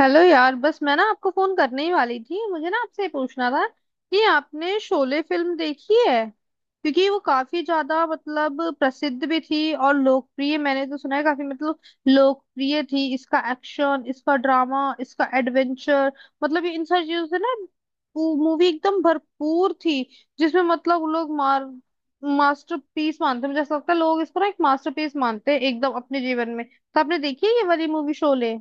Hello यार। बस मैं ना आपको फोन करने ही वाली थी। मुझे ना आपसे पूछना था कि आपने शोले फिल्म देखी है, क्योंकि वो काफी ज्यादा मतलब प्रसिद्ध भी थी और लोकप्रिय। मैंने तो सुना है काफी मतलब लोकप्रिय थी। इसका एक्शन, इसका ड्रामा, इसका एडवेंचर, मतलब ये इन सारी चीजों से ना मूवी एकदम भरपूर थी। जिसमें मतलब लोग मार मास्टरपीस मानते हैं, मुझे ऐसा लगता है लोग इसको ना एक मास्टरपीस मानते हैं एकदम अपने जीवन में। तो आपने देखी है ये वाली मूवी शोले?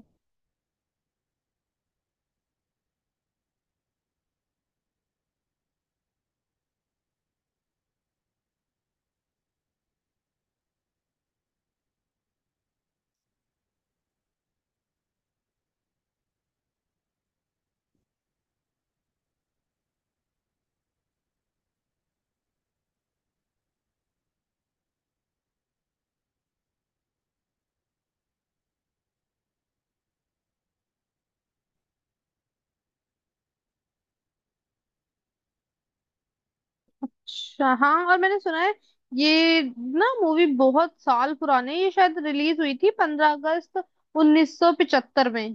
अच्छा हाँ, और मैंने सुना है ये ना मूवी बहुत साल पुरानी है। ये शायद रिलीज हुई थी 15 अगस्त 1975 में।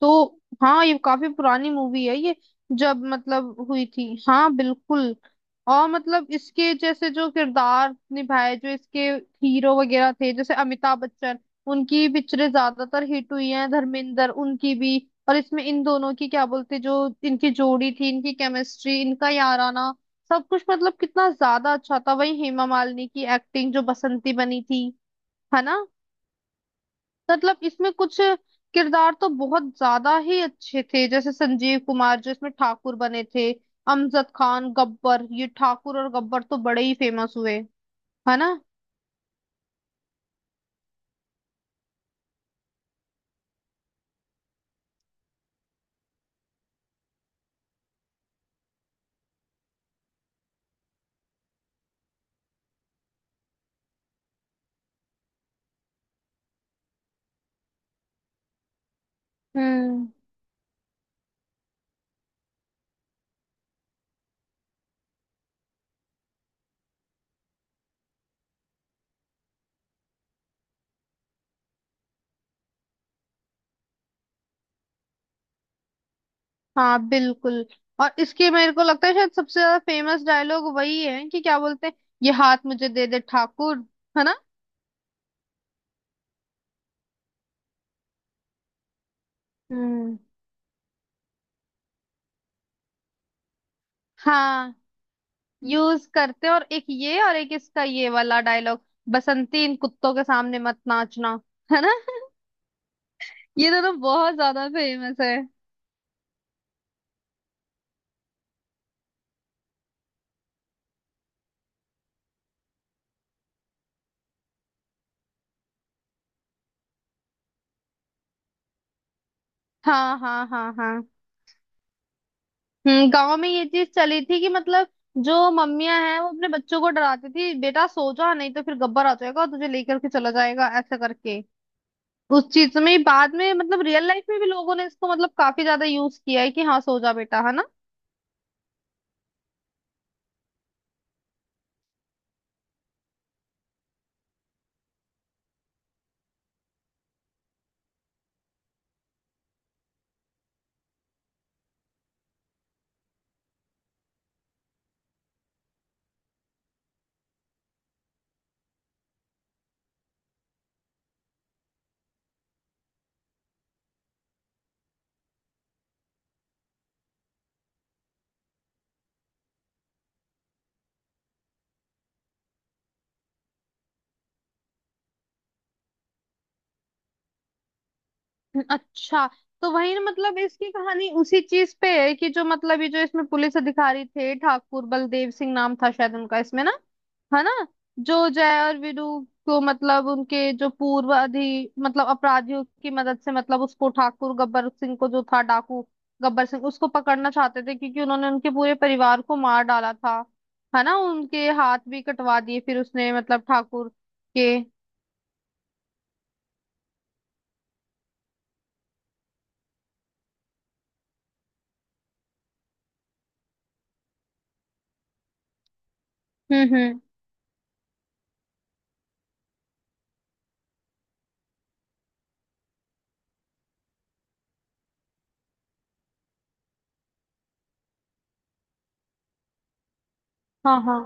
तो हाँ, ये काफी पुरानी मूवी है ये जब मतलब हुई थी। हाँ बिल्कुल। और मतलब इसके जैसे जो किरदार निभाए, जो इसके हीरो वगैरह थे जैसे अमिताभ बच्चन, उनकी पिक्चरें ज्यादातर हिट हुई हैं। धर्मेंद्र, उनकी भी। और इसमें इन दोनों की क्या बोलते, जो इनकी जोड़ी थी, इनकी केमिस्ट्री, इनका याराना, सब कुछ मतलब कितना ज्यादा अच्छा था। वही हेमा मालिनी की एक्टिंग, जो बसंती बनी थी, है ना। मतलब इसमें कुछ किरदार तो बहुत ज्यादा ही अच्छे थे, जैसे संजीव कुमार जो इसमें ठाकुर बने थे, अमजद खान गब्बर। ये ठाकुर और गब्बर तो बड़े ही फेमस हुए, है ना। हम्म। हाँ बिल्कुल। और इसके मेरे को लगता है शायद सबसे ज्यादा फेमस डायलॉग वही है कि क्या बोलते हैं, ये हाथ मुझे दे दे ठाकुर, है ना। हम्म। हाँ, यूज करते हैं। और एक ये, और एक इसका ये वाला डायलॉग, बसंती इन कुत्तों के सामने मत नाचना, है ना। ये तो बहुत ज्यादा फेमस है। हाँ हाँ हाँ हाँ। गांव में ये चीज चली थी कि मतलब जो मम्मियां हैं वो अपने बच्चों को डराती थी, बेटा सो जा नहीं तो फिर गब्बर आ जाएगा और तुझे लेकर के चला जाएगा, ऐसा करके। उस चीज में बाद में मतलब रियल लाइफ में भी लोगों ने इसको मतलब काफी ज्यादा यूज किया है कि हाँ सो जा बेटा, है ना। अच्छा। तो वही ना, मतलब इसकी कहानी उसी चीज पे है कि जो मतलब ये जो इसमें पुलिस अधिकारी थे, ठाकुर बलदेव सिंह नाम था शायद उनका इसमें ना, है ना। जो जय और वीरू को मतलब उनके जो पूर्व अधि मतलब अपराधियों की मदद से मतलब उसको ठाकुर, गब्बर सिंह को जो था डाकू गब्बर सिंह, उसको पकड़ना चाहते थे क्योंकि उन्होंने उनके पूरे परिवार को मार डाला था, है ना। उनके हाथ भी कटवा दिए फिर उसने मतलब ठाकुर के। हम्म। हाँ हाँ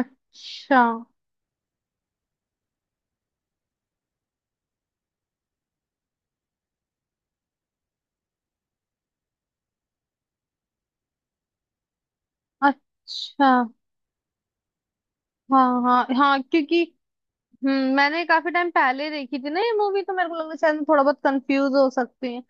अच्छा। अच्छा। हाँ हाँ हाँ, क्योंकि मैंने काफी टाइम पहले देखी थी ना ये मूवी, तो मेरे को लगा शायद मैं थोड़ा बहुत कंफ्यूज हो सकती है।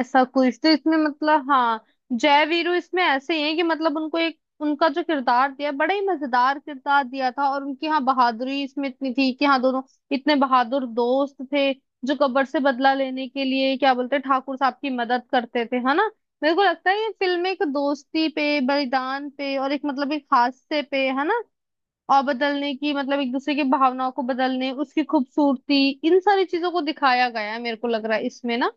ऐसा कुछ तो इसमें मतलब हाँ, जय वीरू इसमें ऐसे ही है कि मतलब उनको एक उनका जो किरदार दिया, बड़ा ही मजेदार किरदार दिया था। और उनकी हाँ बहादुरी इसमें इतनी थी कि हाँ, दोनों इतने बहादुर दोस्त थे जो गब्बर से बदला लेने के लिए क्या बोलते हैं, ठाकुर साहब की मदद करते थे, है ना। मेरे को लगता है ये फिल्म एक दोस्ती पे, बलिदान पे, और एक मतलब एक हादसे पे, है ना। और बदलने की मतलब एक दूसरे की भावनाओं को बदलने, उसकी खूबसूरती, इन सारी चीजों को दिखाया गया है मेरे को लग रहा है इसमें ना।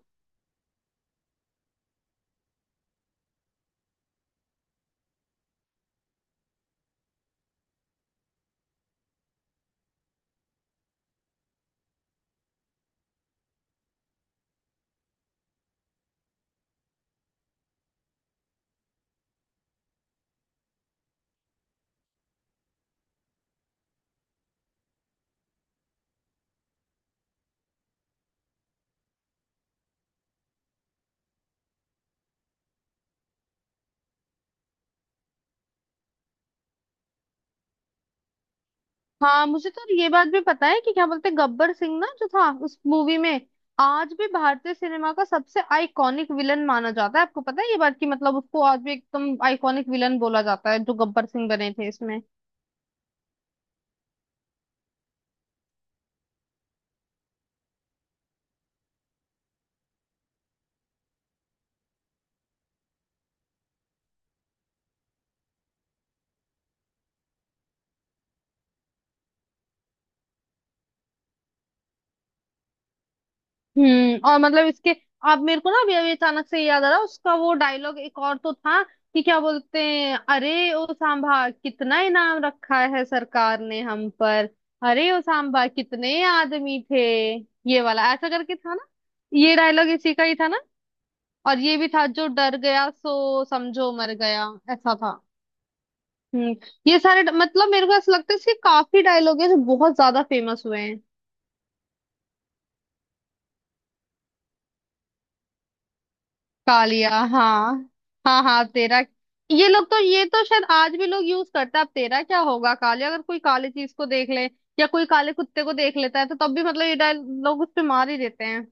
हाँ मुझे तो ये बात भी पता है कि क्या बोलते हैं, गब्बर सिंह ना जो था उस मूवी में, आज भी भारतीय सिनेमा का सबसे आइकॉनिक विलन माना जाता है। आपको पता है ये बात कि मतलब उसको आज भी एकदम आइकॉनिक विलन बोला जाता है, जो गब्बर सिंह बने थे इसमें। और मतलब इसके आप मेरे को ना अभी अभी अचानक से याद आ रहा उसका वो डायलॉग एक और तो था कि क्या बोलते हैं, अरे ओ सांभा कितना इनाम रखा है सरकार ने हम पर, अरे ओ सांभा कितने आदमी थे, ये वाला ऐसा करके था ना। ये डायलॉग इसी का ही था ना। और ये भी था, जो डर गया सो समझो मर गया, ऐसा था। हम्म ये सारे मतलब मेरे को ऐसा लगता है इसके काफी डायलॉग है जो बहुत ज्यादा फेमस हुए हैं। कालिया, हाँ। हाँ हाँ तेरा, ये लोग तो ये तो शायद आज भी लोग यूज करते हैं, अब तेरा क्या होगा कालिया। अगर कोई काली चीज को देख ले या कोई काले कुत्ते को देख लेता है तो तब भी मतलब ये डायल लोग उस पे मार ही देते हैं।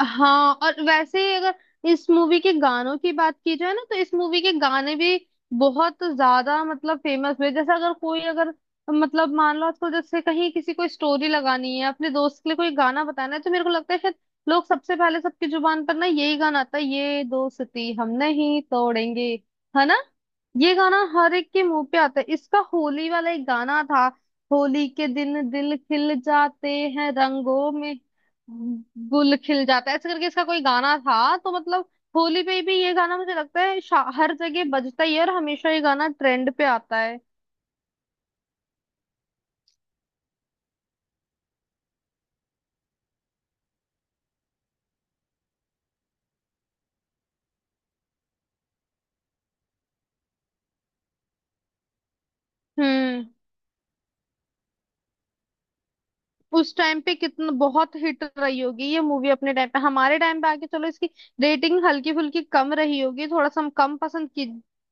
हाँ, और वैसे ही अगर इस मूवी के गानों की बात की जाए ना, तो इस मूवी के गाने भी बहुत ज्यादा मतलब फेमस हुए। जैसे अगर कोई, अगर मतलब मान लो आजकल जैसे कहीं किसी को स्टोरी लगानी है अपने दोस्त के लिए, कोई गाना बताना है, तो मेरे को लगता है शायद लोग सबसे पहले, सबकी जुबान पर ना, यही गाना आता है, ये दोस्ती हम नहीं तोड़ेंगे, है ना। ये गाना हर एक के मुंह पे आता है। इसका होली वाला एक गाना था, होली के दिन दिल खिल जाते हैं रंगों में गुल खिल जाता है, ऐसे करके इसका कोई गाना था। तो मतलब होली पे भी ये गाना मुझे लगता है हर जगह बजता ही है और हमेशा ये गाना ट्रेंड पे आता है। हम्म उस टाइम पे कितना बहुत हिट रही होगी ये मूवी अपने टाइम पे। हमारे टाइम पे आके चलो इसकी रेटिंग हल्की फुल्की कम रही होगी, थोड़ा सा हम कम पसंद की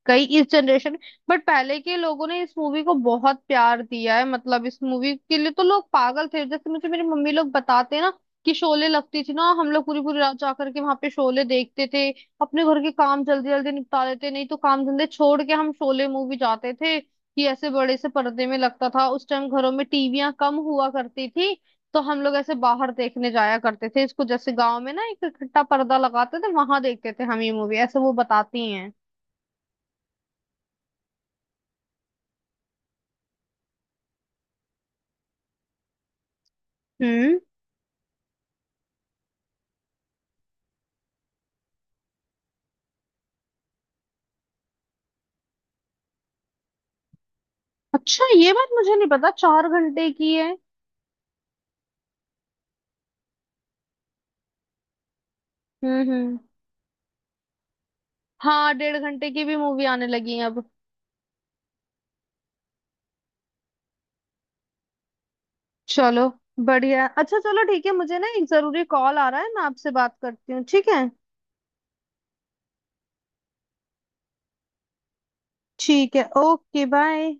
गई इस जनरेशन, बट पहले के लोगों ने इस मूवी को बहुत प्यार दिया है। मतलब इस मूवी के लिए तो लोग पागल थे। जैसे मुझे मेरी मम्मी लोग बताते हैं ना, कि शोले लगती थी ना, हम लोग पूरी पूरी रात जाकर के वहां पे शोले देखते थे। अपने घर के काम जल्दी जल्दी निपटा लेते, नहीं तो काम धंधे छोड़ के हम शोले मूवी जाते थे कि ऐसे बड़े से पर्दे में लगता था। उस टाइम घरों में टीवियां कम हुआ करती थी, तो हम लोग ऐसे बाहर देखने जाया करते थे इसको, जैसे गांव में ना एक इकट्ठा पर्दा लगाते थे, वहां देखते थे हम ये मूवी, ऐसे वो बताती हैं। हम्म अच्छा, ये बात मुझे नहीं पता, 4 घंटे की है। हम्म। हाँ, 1.5 घंटे की भी मूवी आने लगी है अब। चलो, बढ़िया। अच्छा चलो ठीक है, मुझे ना एक जरूरी कॉल आ रहा है, मैं आपसे बात करती हूँ, ठीक है। ठीक है, ओके बाय।